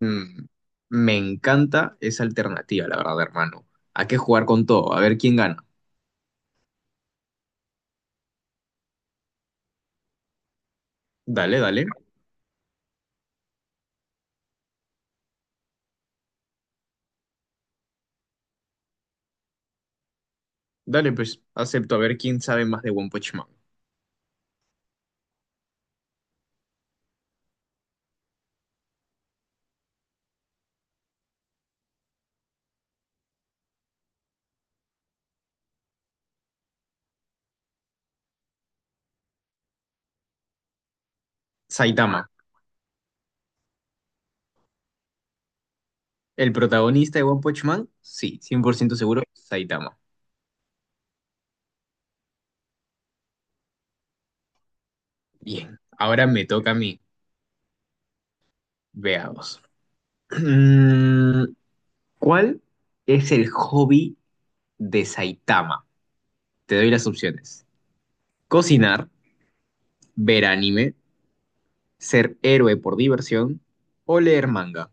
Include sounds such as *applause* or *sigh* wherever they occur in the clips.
Mm, me encanta esa alternativa, la verdad, hermano. ¿A qué jugar con todo? A ver quién gana. Dale, dale. Dale, pues acepto a ver quién sabe más de One Punch Man. Saitama. ¿El protagonista de One Punch Man? Sí, 100% seguro, Saitama. Bien, ahora me toca a mí. Veamos. Mm, ¿Cuál es el hobby de Saitama? Te doy las opciones. Cocinar, ver anime, ser héroe por diversión o leer manga.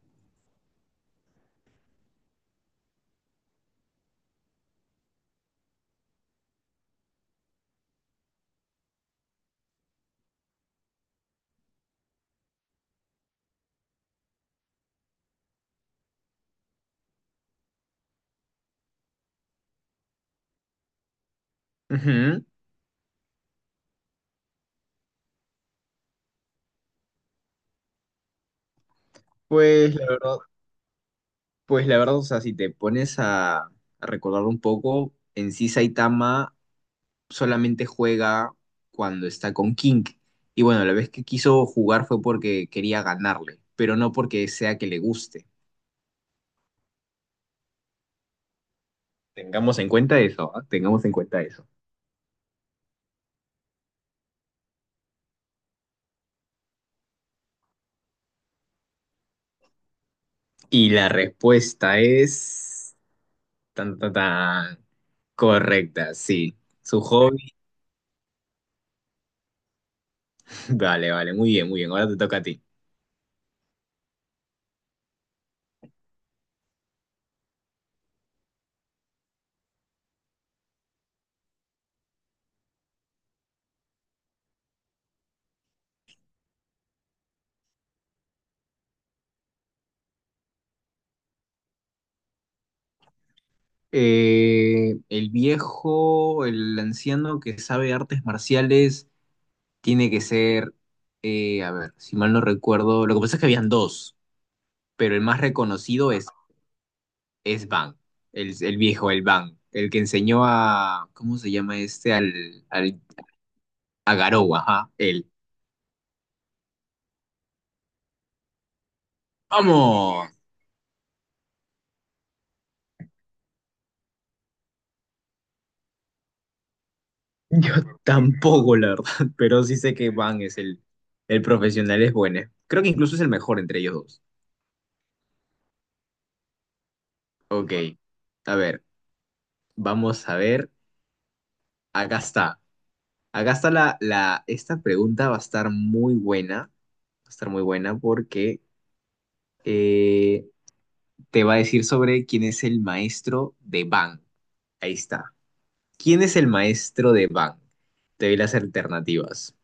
Ujú. Pues la verdad, pues la verdad, o sea, si te pones a recordar un poco, en sí Saitama solamente juega cuando está con King. Y bueno, la vez que quiso jugar fue porque quería ganarle, pero no porque sea que le guste. Tengamos en cuenta eso, ¿ah? Tengamos en cuenta eso. Y la respuesta es tan tan tan correcta, sí. Su hobby. *laughs* Vale, vale, muy bien, muy bien. Ahora te toca a ti. El viejo, el anciano que sabe artes marciales, tiene que ser, a ver, si mal no recuerdo, lo que pasa es que habían dos, pero el más reconocido es Bang, el viejo, el Bang, el que enseñó a, ¿cómo se llama este? Al, al, a Garou, ajá, él. ¡Vamos! Yo tampoco, la verdad, *laughs* pero sí sé que Bang es el profesional, es bueno. Creo que incluso es el mejor entre ellos dos. Ok, a ver, vamos a ver. Acá está. Acá está la esta pregunta va a estar muy buena. Va a estar muy buena porque eh, te va a decir sobre quién es el maestro de Bang. Ahí está. ¿Quién es el maestro de Bang? Te doy las alternativas.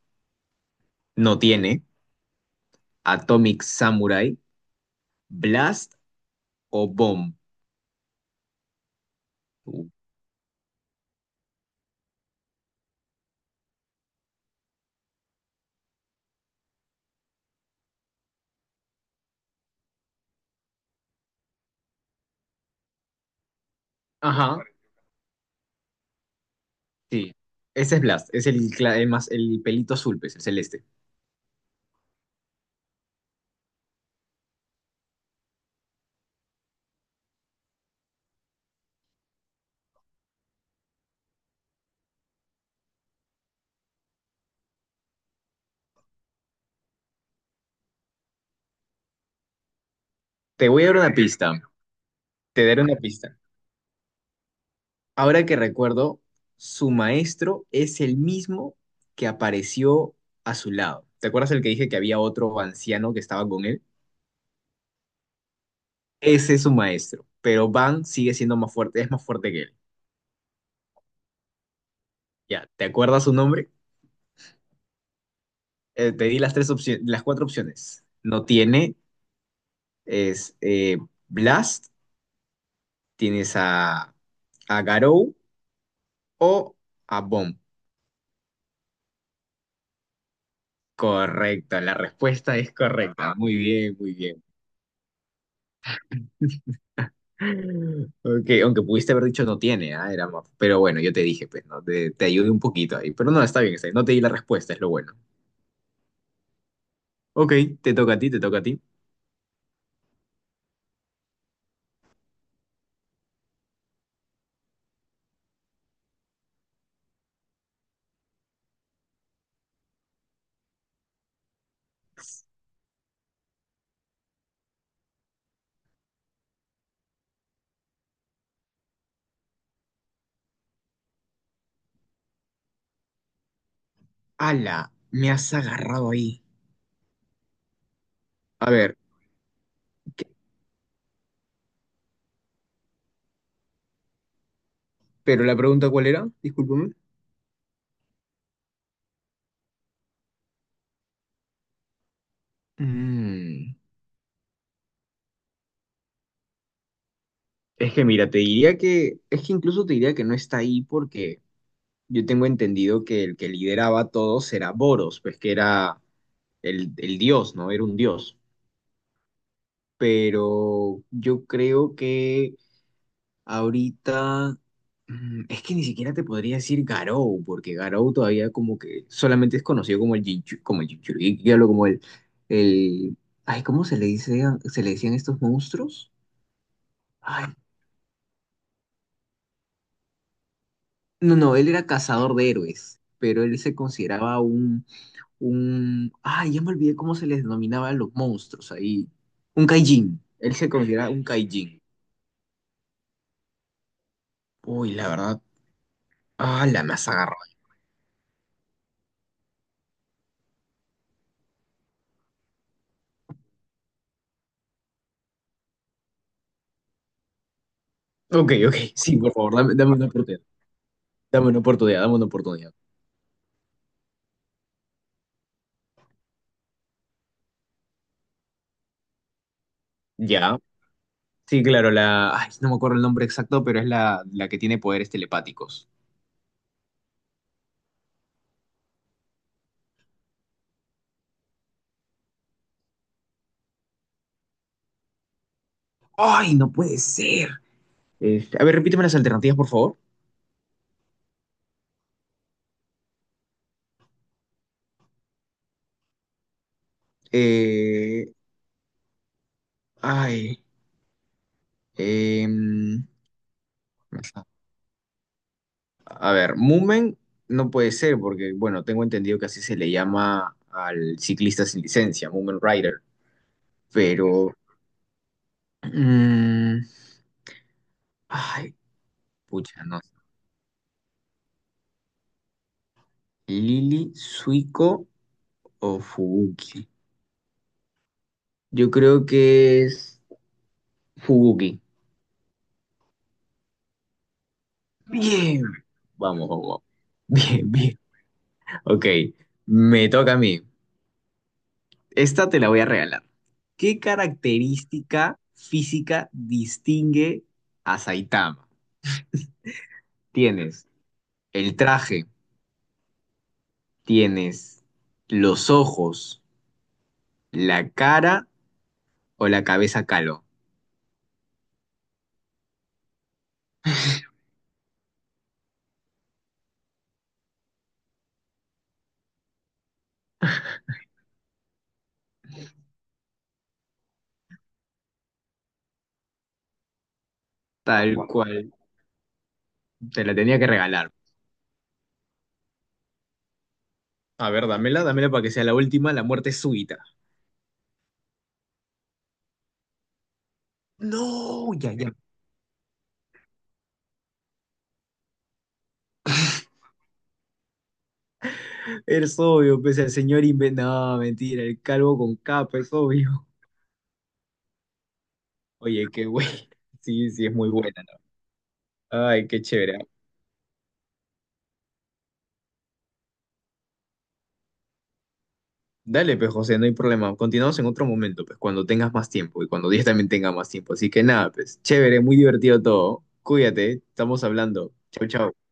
No tiene, Atomic Samurai, Blast o Bomb. Uh, Ajá, sí. Ese es Blast, es el más, el pelito azul, pues, el celeste. Te voy a dar una sí, pista. Te daré una pista. Ahora que recuerdo, su maestro es el mismo que apareció a su lado. ¿Te acuerdas el que dije que había otro anciano que estaba con él? Ese es su maestro, pero Van sigue siendo más fuerte, es más fuerte que él. Ya, ¿te acuerdas su nombre? Te di las tres opciones, las cuatro opciones. No tiene, es Blast, tienes a Garou o a Bomb. Correcto, la respuesta es correcta. Muy bien, muy bien. Ok, aunque pudiste haber dicho no tiene, ah, era más- pero bueno, yo te dije, pues, ¿no? Te ayudé un poquito ahí, pero no, está bien, no te di la respuesta, es lo bueno. Ok, te toca a ti, te toca a ti. ¡Hala! Me has agarrado ahí. A ver, ¿qué- pero la pregunta ¿cuál era? Discúlpame. Mm, es que mira, te diría que, es que incluso te diría que no está ahí porque yo tengo entendido que el que lideraba todo era Boros, pues que era el dios, ¿no? Era un dios. Pero yo creo que... Ahorita, es que ni siquiera te podría decir Garou, porque Garou todavía como que solamente es conocido como el Jinchu, como el Jinchuriki, hablo como el, ay, ¿cómo se le dice, a- se le decían estos monstruos? Ay, no, no, él era cazador de héroes, pero él se consideraba ay, ya me olvidé cómo se les denominaba a los monstruos ahí, un Kaijin, él se consideraba un Kaijin. Uy, la verdad, ah, la me has agarrado. Ok, ok, sí, por favor, dame, dame una oportunidad. Dame una oportunidad, dame una oportunidad. Ya. Sí, claro, la. Ay, no me acuerdo el nombre exacto, pero es la que tiene poderes telepáticos. ¡Ay, no puede ser! Este, a ver, repíteme las alternativas, por favor. Eh, ay. em, a ver, Moomin no puede ser, porque, bueno, tengo entendido que así se le llama al ciclista sin licencia, Moomin Rider. Pero. mm, ay, pucha, no. Lili, Suiko o Fubuki. Yo creo que es Fubuki. Bien. Vamos, vamos. *laughs* Bien, bien. Ok, me toca a mí. Esta te la voy a regalar. ¿Qué característica física distingue a Saitama? Tienes el traje, tienes los ojos, la cara o la cabeza calo. Tal bueno, cual, te la tenía que regalar. A ver, dámela, dámela para que sea la última, la muerte súbita. No, ya, ya. Es obvio, pues el señor inventa. No, mentira, el calvo con capa, es obvio. *laughs* Oye, qué güey. *laughs* Sí, sí, es muy buena, ¿no? Ay, qué chévere. Dale, pues, José, no hay problema. Continuamos en otro momento, pues, cuando tengas más tiempo y cuando Díaz también tenga más tiempo. Así que nada, pues, chévere, muy divertido todo. Cuídate, estamos hablando. Chau, chau.